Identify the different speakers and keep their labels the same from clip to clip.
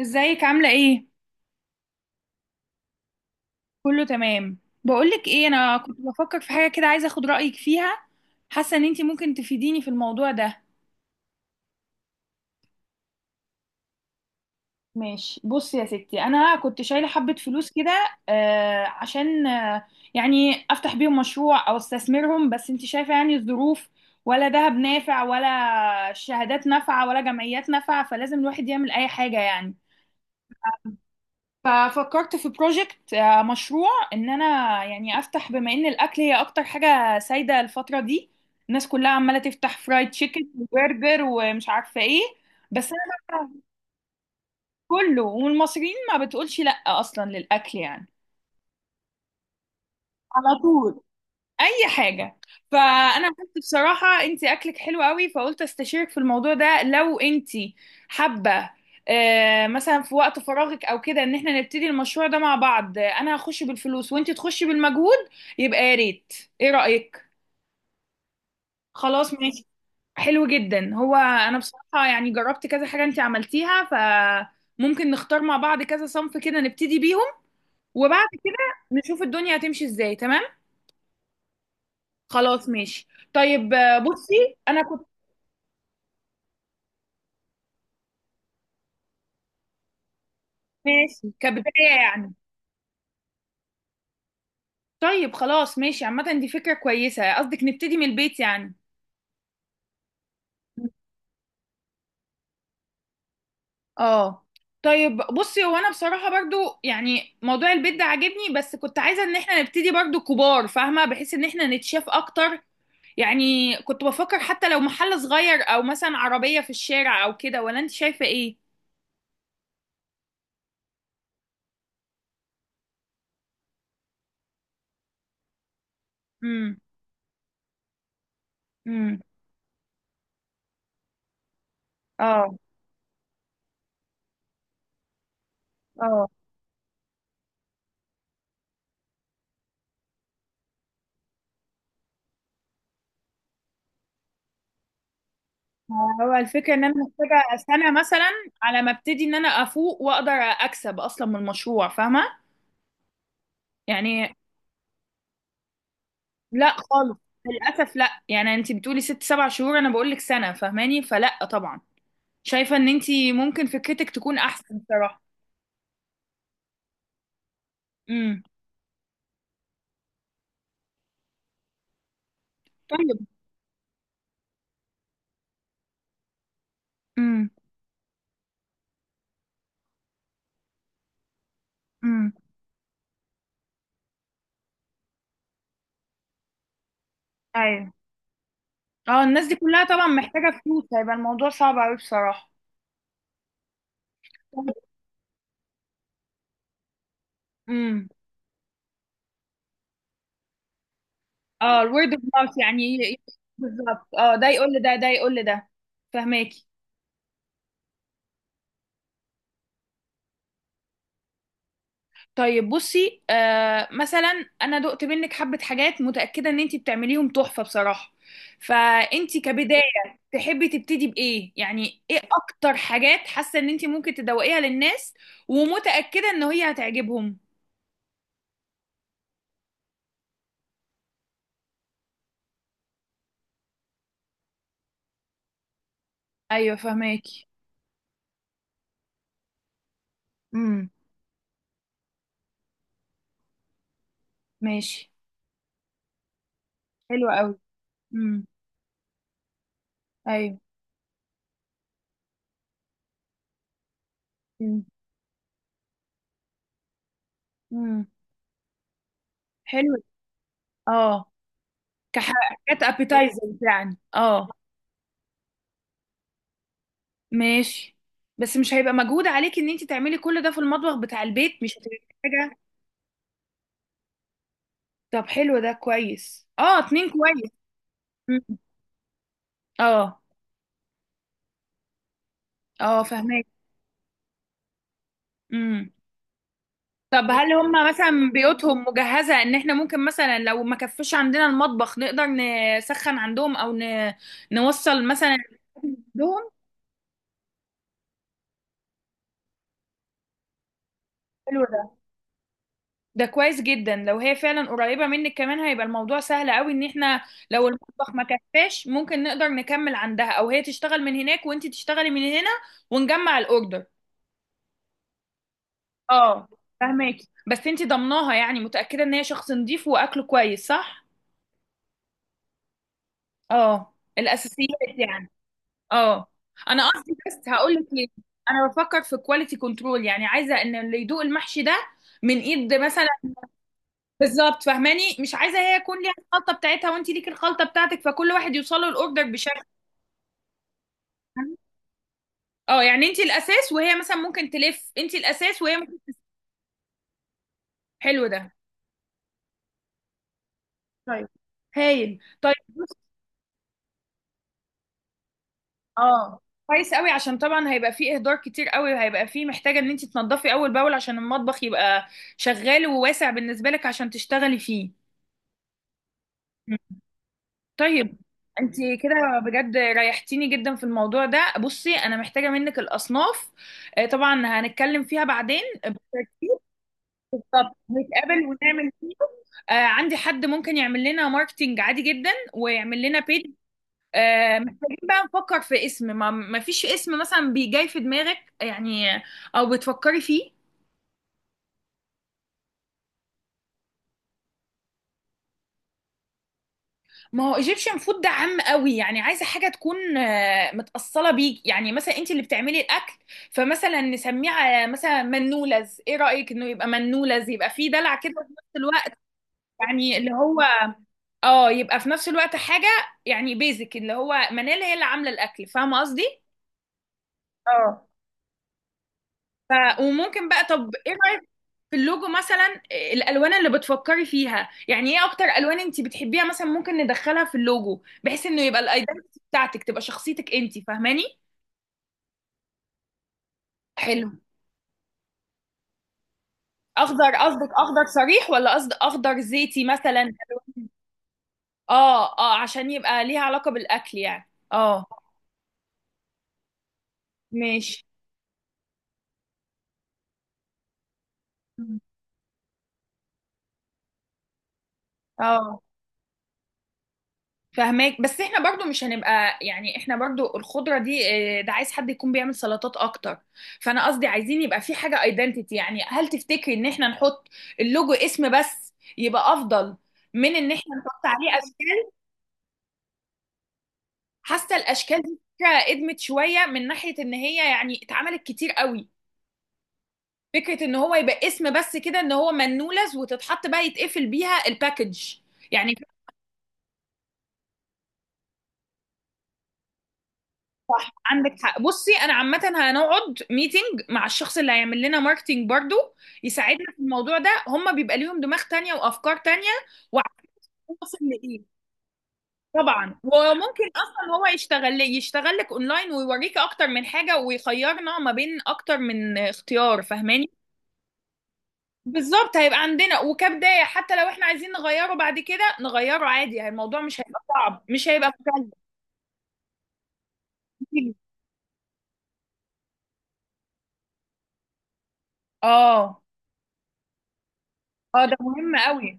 Speaker 1: ازيك عاملة ايه؟ كله تمام. بقولك ايه، انا كنت بفكر في حاجة كده، عايزة اخد رأيك فيها. حاسة ان انتي ممكن تفيديني في الموضوع ده. ماشي، بصي يا ستي، انا كنت شايلة حبة فلوس كده. عشان يعني افتح بيهم مشروع او استثمرهم، بس انتي شايفة يعني الظروف. ولا دهب نافع ولا شهادات نافعة ولا جمعيات نافعة، فلازم الواحد يعمل اي حاجة يعني. ففكرت في بروجكت، مشروع، ان انا يعني افتح بما ان الاكل هي اكتر حاجه سايده الفتره دي. الناس كلها عماله تفتح فرايد تشيكن وبرجر ومش عارفه ايه. بس انا بقى، كله، والمصريين ما بتقولش لا اصلا للاكل يعني. على طول، اي حاجه. فانا قلت بصراحه انت اكلك حلو قوي، فقلت استشيرك في الموضوع ده لو انت حابه. مثلا في وقت فراغك او كده، ان احنا نبتدي المشروع ده مع بعض. انا هخش بالفلوس وانت تخشي بالمجهود، يبقى يا ريت. ايه رايك؟ خلاص ماشي. حلو جدا. هو انا بصراحه يعني جربت كذا حاجه انت عملتيها، فممكن نختار مع بعض كذا صنف كده نبتدي بيهم. وبعد كده نشوف الدنيا هتمشي ازاي، تمام؟ خلاص ماشي. طيب بصي انا كنت. ماشي كبداية يعني. طيب خلاص ماشي. عامة دي فكرة كويسة، قصدك نبتدي من البيت يعني. اه. طيب بصي، هو انا بصراحة برضو يعني موضوع البيت ده عاجبني، بس كنت عايزة ان احنا نبتدي برضو كبار فاهمة، بحيث ان احنا نتشاف اكتر. يعني كنت بفكر حتى لو محل صغير او مثلا عربية في الشارع او كده، ولا انت شايفة ايه؟ امم. امم. اه. اه. هو الفكرة ان انا محتاجة سنة مثلا، على ما ابتدي ان انا افوق واقدر اكسب اصلا من المشروع، فاهمة يعني. لا خالص. للاسف لا، يعني انت بتقولي ست سبع شهور، انا بقول لك سنه، فاهماني؟ فلا طبعا. شايفه ان انت ممكن فكرتك تكون احسن صراحه. امم. طيب. امم. امم. ايوه. اه، الناس دي كلها طبعا محتاجه فلوس، هيبقى الموضوع صعب قوي بصراحه. امم. اه، الورد اوف ماوث يعني بالظبط. اه، ده يقول لده ده يقول لده. فهماكي. طيب بصي، مثلا انا دقت منك حبه حاجات متاكده ان انت بتعمليهم تحفه بصراحه. فانت كبدايه تحبي تبتدي بايه يعني؟ ايه اكتر حاجات حاسه ان انت ممكن تدوقيها للناس ومتاكده ان هي هتعجبهم؟ ايوه فهماكي. امم. ماشي. حلو قوي. امم. ايوه. امم. حلو. اه، كحاجات ابيتايزر يعني، اه. ماشي. بس مش هيبقى مجهود عليك ان انت تعملي كل ده في المطبخ بتاع البيت؟ مش هتبقى حاجه. طب حلو ده كويس. اه، اتنين كويس. مم. اه. اه فهماكي. طب هل هم مثلا بيوتهم مجهزة ان احنا ممكن مثلا لو ما كفش عندنا المطبخ نقدر نسخن عندهم او نوصل مثلا عندهم. حلو ده. ده كويس جدا لو هي فعلا قريبة منك، كمان هيبقى الموضوع سهل قوي ان احنا لو المطبخ ما كفاش ممكن نقدر نكمل عندها، او هي تشتغل من هناك وانت تشتغلي من هنا ونجمع الاوردر. اه فهماكي. بس انت ضمناها؟ يعني متأكدة ان هي شخص نظيف واكله كويس، صح؟ اه، الاساسيات يعني، اه. انا قصدي بس هقول لك ليه، انا بفكر في كواليتي كنترول يعني، عايزه ان اللي يدوق المحشي ده من ايد مثلا. بالظبط، فاهماني؟ مش عايزه هي يكون ليها الخلطه بتاعتها وانت ليكي الخلطه بتاعتك، فكل واحد يوصله الاوردر بشكل. اه، يعني انت الاساس وهي مثلا ممكن تلف، انت الاساس وهي ممكن. حلو ده. طيب هايل. طيب اه كويس قوي، عشان طبعا هيبقى فيه اهدار كتير قوي، وهيبقى فيه محتاجه ان انت تنضفي اول باول عشان المطبخ يبقى شغال وواسع بالنسبه لك عشان تشتغلي فيه. طيب انت كده، بجد ريحتيني جدا في الموضوع ده. بصي انا محتاجه منك الاصناف. طبعا هنتكلم فيها بعدين. بالظبط، نتقابل ونعمل فيه. عندي حد ممكن يعمل لنا ماركتينج عادي جدا ويعمل لنا بيج. محتاجين بقى نفكر في اسم. ما فيش اسم مثلا بيجي في دماغك يعني، او بتفكري فيه؟ ما هو ايجيبشن فود ده عام قوي يعني، عايزه حاجه تكون متاصله بيك يعني، مثلا انت اللي بتعملي الاكل. فمثلا نسميه على مثلا منولز، ايه رايك؟ انه يبقى منولز، يبقى فيه دلع كده في نفس الوقت. يعني اللي هو اه يبقى في نفس الوقت حاجه، يعني بيزك اللي هو منال هي اللي عامله الاكل، فاهمه قصدي؟ اه. ف وممكن بقى، طب ايه رايك في اللوجو مثلا؟ الالوان اللي بتفكري فيها يعني، ايه اكتر الوان انت بتحبيها مثلا ممكن ندخلها في اللوجو بحيث انه يبقى الايدنتي بتاعتك تبقى شخصيتك انت، فاهماني؟ حلو. اخضر قصدك، اخضر صريح ولا قصد اخضر زيتي مثلا؟ اه اه، عشان يبقى ليها علاقة بالاكل يعني، اه. ماشي. اه فهماك، بس احنا برضو مش هنبقى يعني احنا برضو الخضرة دي ده عايز حد يكون بيعمل سلطات اكتر. فانا قصدي عايزين يبقى في حاجة ايدنتيتي، يعني هل تفتكري ان احنا نحط اللوجو اسم بس يبقى افضل من ان احنا نحط عليه اشكال؟ حاسة الاشكال دي فكرة قدمت شوية، من ناحية ان هي يعني اتعملت كتير قوي. فكرة ان هو يبقى اسم بس كده، ان هو منولز، وتتحط بقى يتقفل بيها الباكج يعني. صح، عندك حق. بصي انا عامه هنقعد ميتنج مع الشخص اللي هيعمل لنا ماركتينج برضو يساعدنا في الموضوع ده، هم بيبقى ليهم دماغ تانية وافكار تانية وعارفين وصل لايه. طبعا. وممكن اصلا هو يشتغل لي، يشتغل لك اونلاين ويوريك اكتر من حاجه ويخيرنا ما بين اكتر من اختيار، فاهماني؟ بالظبط، هيبقى عندنا. وكبدايه حتى لو احنا عايزين نغيره بعد كده نغيره عادي يعني، الموضوع مش هيبقى صعب، مش هيبقى مكلف. اه. اه ده مهم قوي،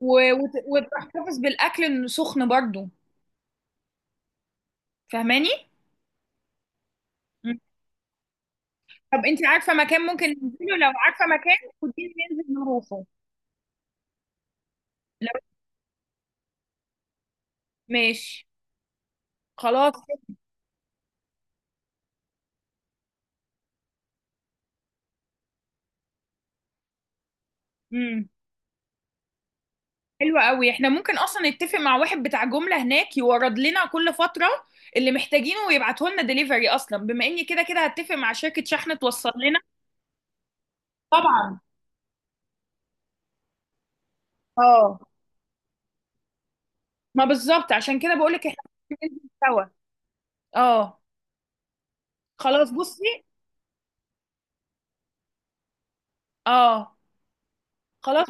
Speaker 1: وتحتفظ بالاكل انه سخن برضو، فاهماني. مم. طب انت عارفه مكان ممكن ننزله؟ لو عارفه مكان، خديني ننزل نروحه. لو ماشي، خلاص. امم. حلو قوي. احنا ممكن اصلا نتفق مع واحد بتاع جمله هناك يورد لنا كل فتره اللي محتاجينه، ويبعته لنا دليفري اصلا، بما اني كده كده هتفق مع شركه شحن توصل لنا. طبعا. اه، ما بالظبط، عشان كده بقول لك احنا ممكن ننزل سوا. اه خلاص بصي. اه خلاص.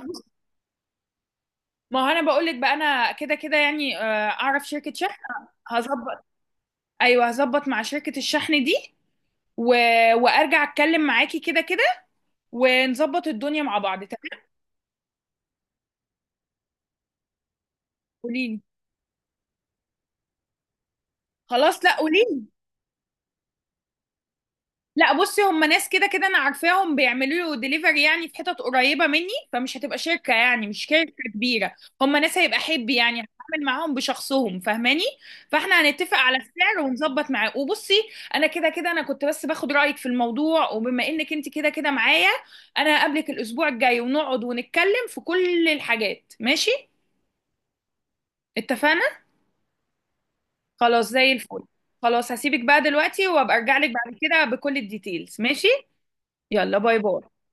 Speaker 1: ما هو انا بقول لك بقى انا كده كده يعني اعرف شركه شحن، هظبط. ايوه، هظبط مع شركه الشحن دي. و... وارجع اتكلم معاكي كده كده ونظبط الدنيا مع بعض، تمام؟ قولي لي. خلاص، لا قولي. لا بصي، هم ناس كده كده انا عارفاهم بيعملوا له ديليفري يعني في حتت قريبه مني، فمش هتبقى شركه يعني، مش شركه كبيره. هم ناس هيبقى حب يعني، هتعامل معاهم بشخصهم، فاهماني؟ فاحنا هنتفق على السعر ونظبط معاه، وبصي انا كده كده انا كنت بس باخد رايك في الموضوع، وبما انك انت كده كده معايا انا هقابلك الاسبوع الجاي ونقعد ونتكلم في كل الحاجات، ماشي؟ اتفقنا. خلاص زي الفل. خلاص هسيبك بقى دلوقتي وابقى ارجع لك بعد كده بكل الديتيلز، ماشي؟ يلا باي باي.